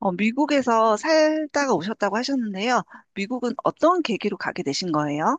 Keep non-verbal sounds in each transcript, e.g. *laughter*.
어, 미국에서 살다가 오셨다고 하셨는데요. 미국은 어떤 계기로 가게 되신 거예요?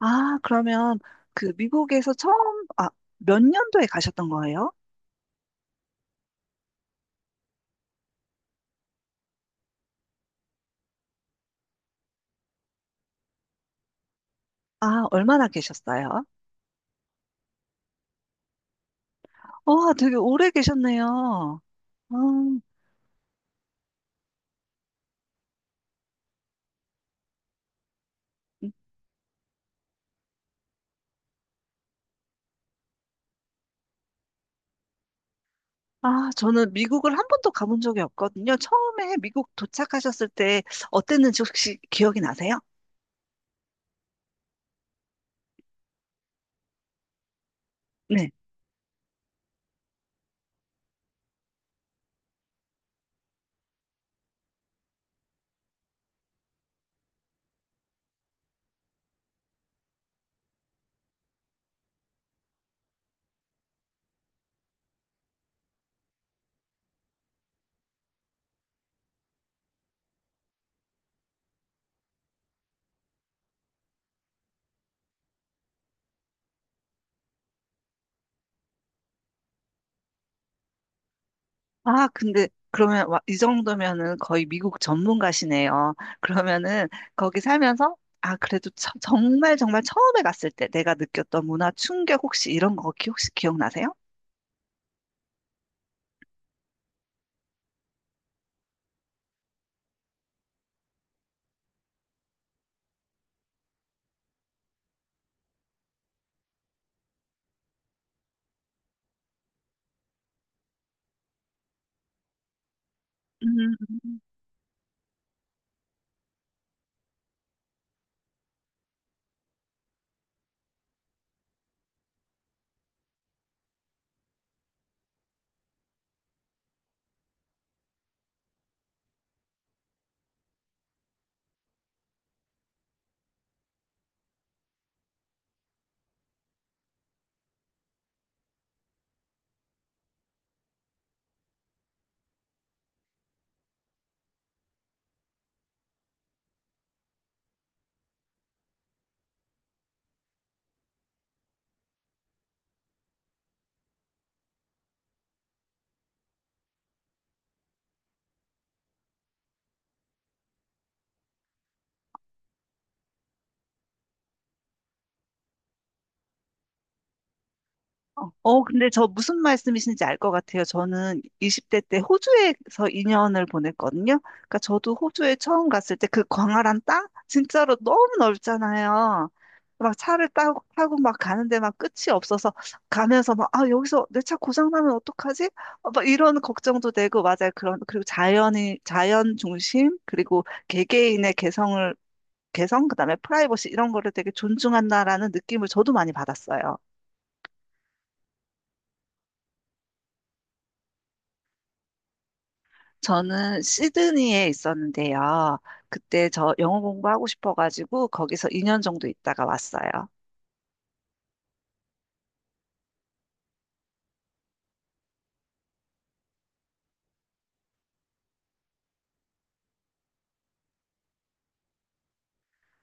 아, 그러면 그 미국에서 처음, 아, 몇 년도에 가셨던 거예요? 아, 얼마나 계셨어요? 와, 되게 오래 계셨네요. 음. 아, 저는 미국을 한 번도 가본 적이 없거든요. 처음에 미국 도착하셨을 때 어땠는지 혹시 기억이 나세요? 아, 근데 그러면 와- 이 정도면은 거의 미국 전문가시네요. *laughs* 그러면은 거기 살면서 아, 그래도 정말 정말 처음에 갔을 때 내가 느꼈던 문화 충격 혹시 이런 거 혹시 기억나세요? 음. 어, 어, 근데 저 무슨 말씀이신지 알 것 같아요. 저는 20대 때 호주에서 2년을 보냈거든요. 그러니까 저도 호주에 처음 갔을 때 그 광활한 땅? 진짜로 너무 넓잖아요. 막 차를 타고 막 가는데 막 끝이 없어서 가면서 막, 아, 여기서 내 차 고장나면 어떡하지? 어, 막 이런 걱정도 되고, 맞아요. 그런, 그리고 자연이, 자연 중심, 그리고 개개인의 개성을, 개성, 그다음에 프라이버시 이런 거를 되게 존중한다라는 느낌을 저도 많이 받았어요. 저는 시드니에 있었는데요. 그때 저 영어 공부하고 싶어가지고 거기서 2년 정도 있다가 왔어요.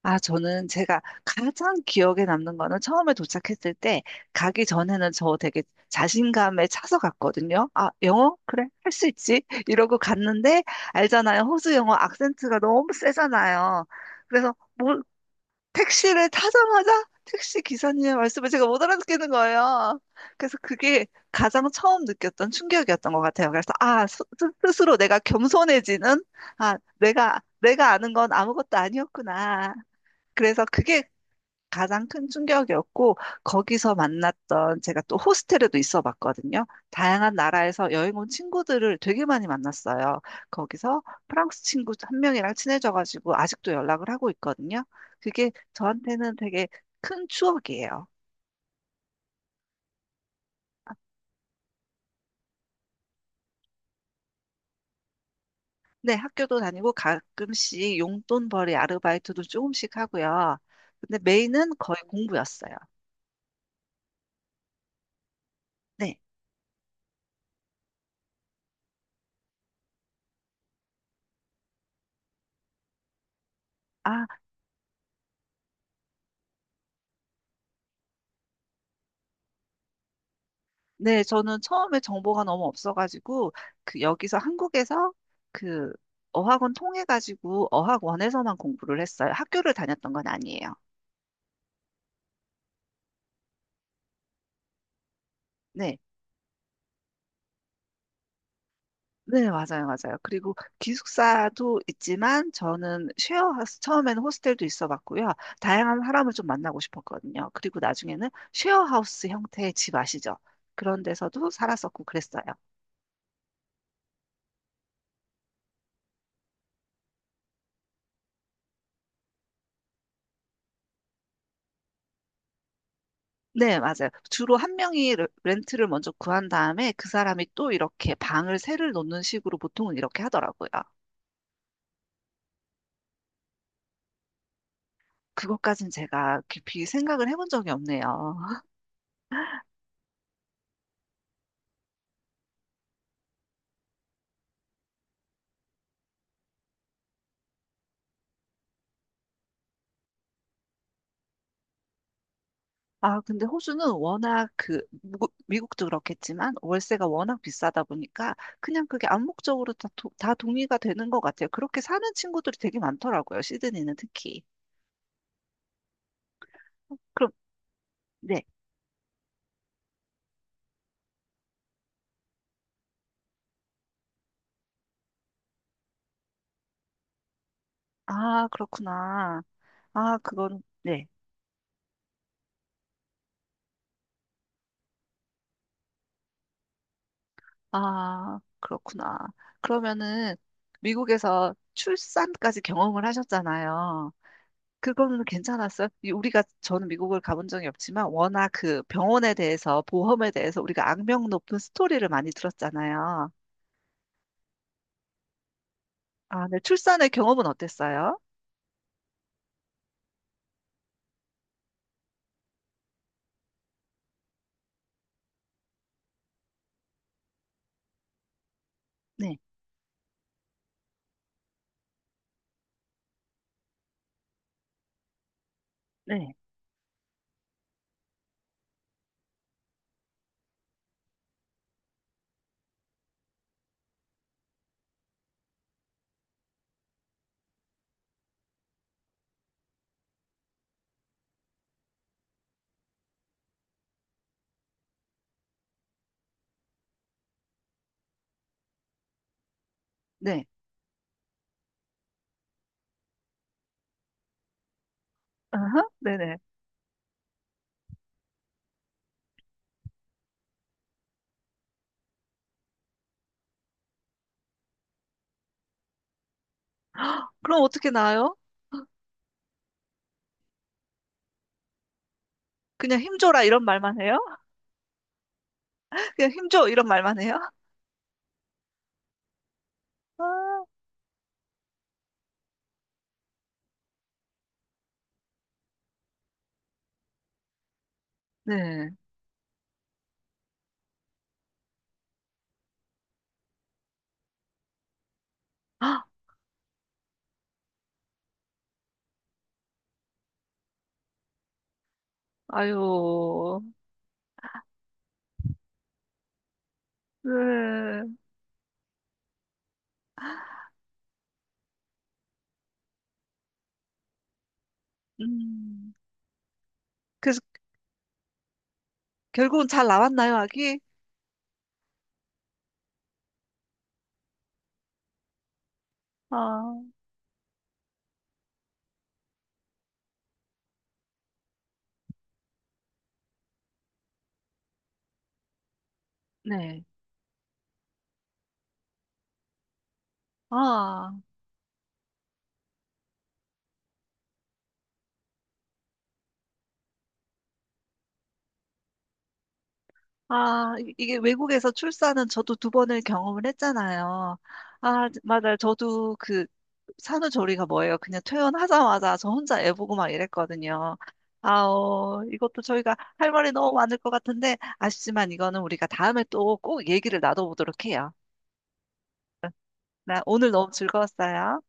아, 저는 제가 가장 기억에 남는 거는 처음에 도착했을 때 가기 전에는 저 되게 자신감에 차서 갔거든요. 아, 영어? 그래, 할 수 있지. *laughs* 이러고 갔는데 알잖아요. 호주 영어 악센트가 너무 세잖아요. 그래서 뭐, 택시를 타자마자 택시 기사님의 말씀을 제가 못 알아듣겠는 거예요. 그래서 그게 가장 처음 느꼈던 충격이었던 것 같아요. 그래서 아, 스로 내가 겸손해지는, 아, 내가 아는 건 아무것도 아니었구나. 그래서 그게 가장 큰 충격이었고, 거기서 만났던, 제가 또 호스텔에도 있어 봤거든요. 다양한 나라에서 여행 온 친구들을 되게 많이 만났어요. 거기서 프랑스 친구 한 명이랑 친해져가지고 아직도 연락을 하고 있거든요. 그게 저한테는 되게 큰 추억이에요. 네, 학교도 다니고 가끔씩 용돈벌이 아르바이트도 조금씩 하고요. 근데 메인은 거의 공부였어요. 네. 아, 네, 저는 처음에 정보가 너무 없어가지고, 그, 여기서 한국에서 그, 어학원 통해가지고, 어학원에서만 공부를 했어요. 학교를 다녔던 건 아니에요. 네, 네, 맞아요, 맞아요. 그리고 기숙사도 있지만, 저는 쉐어, 하우스, 처음에는 호스텔도 있어 봤고요. 다양한 사람을 좀 만나고 싶었거든요. 그리고 나중에는 쉐어하우스 형태의 집 아시죠? 그런 데서도 살았었고 그랬어요. 네, 맞아요. 주로 한 명이 렌트를 먼저 구한 다음에 그 사람이 또 이렇게 방을 새를 놓는 식으로 보통은 이렇게 하더라고요. 그것까진 제가 깊이 생각을 해본 적이 없네요. *laughs* 아, 근데 호주는 워낙 그, 미국도 그렇겠지만 월세가 워낙 비싸다 보니까 그냥 그게 암묵적으로 다 동의가 되는 것 같아요. 그렇게 사는 친구들이 되게 많더라고요. 시드니는 특히. 어, 그럼, 네. 아, 그렇구나. 아, 그건, 네. 아, 그렇구나. 그러면은 미국에서 출산까지 경험을 하셨잖아요. 그거는 괜찮았어요? 이 우리가 저는 미국을 가본 적이 없지만 워낙 그 병원에 대해서 보험에 대해서 우리가 악명 높은 스토리를 많이 들었잖아요. 아, 네. 출산의 경험은 어땠어요? 네, 네, 네. 어허, 네네. 그럼 어떻게 나아요? 그냥 힘줘라 이런 말만 해요? *laughs* 그냥 힘줘 이런 말만 해요? 아, 네. 헉, 아유, 네. 음. 그래서 결국은 잘 나왔나요, 아기? 아, 네. 아, 아, 이- 이게 외국에서 출산은 저도 두 번을 경험을 했잖아요. 아, 맞아요. 저도 그 산후조리가 뭐예요? 그냥 퇴원하자마자 저 혼자 애 보고 막 이랬거든요. 아오, 이것도 저희가 할 말이 너무 많을 것 같은데, 아쉽지만 이거는 우리가 다음에 또 꼭 얘기를 나눠보도록 해요. 나 오늘 너무 즐거웠어요.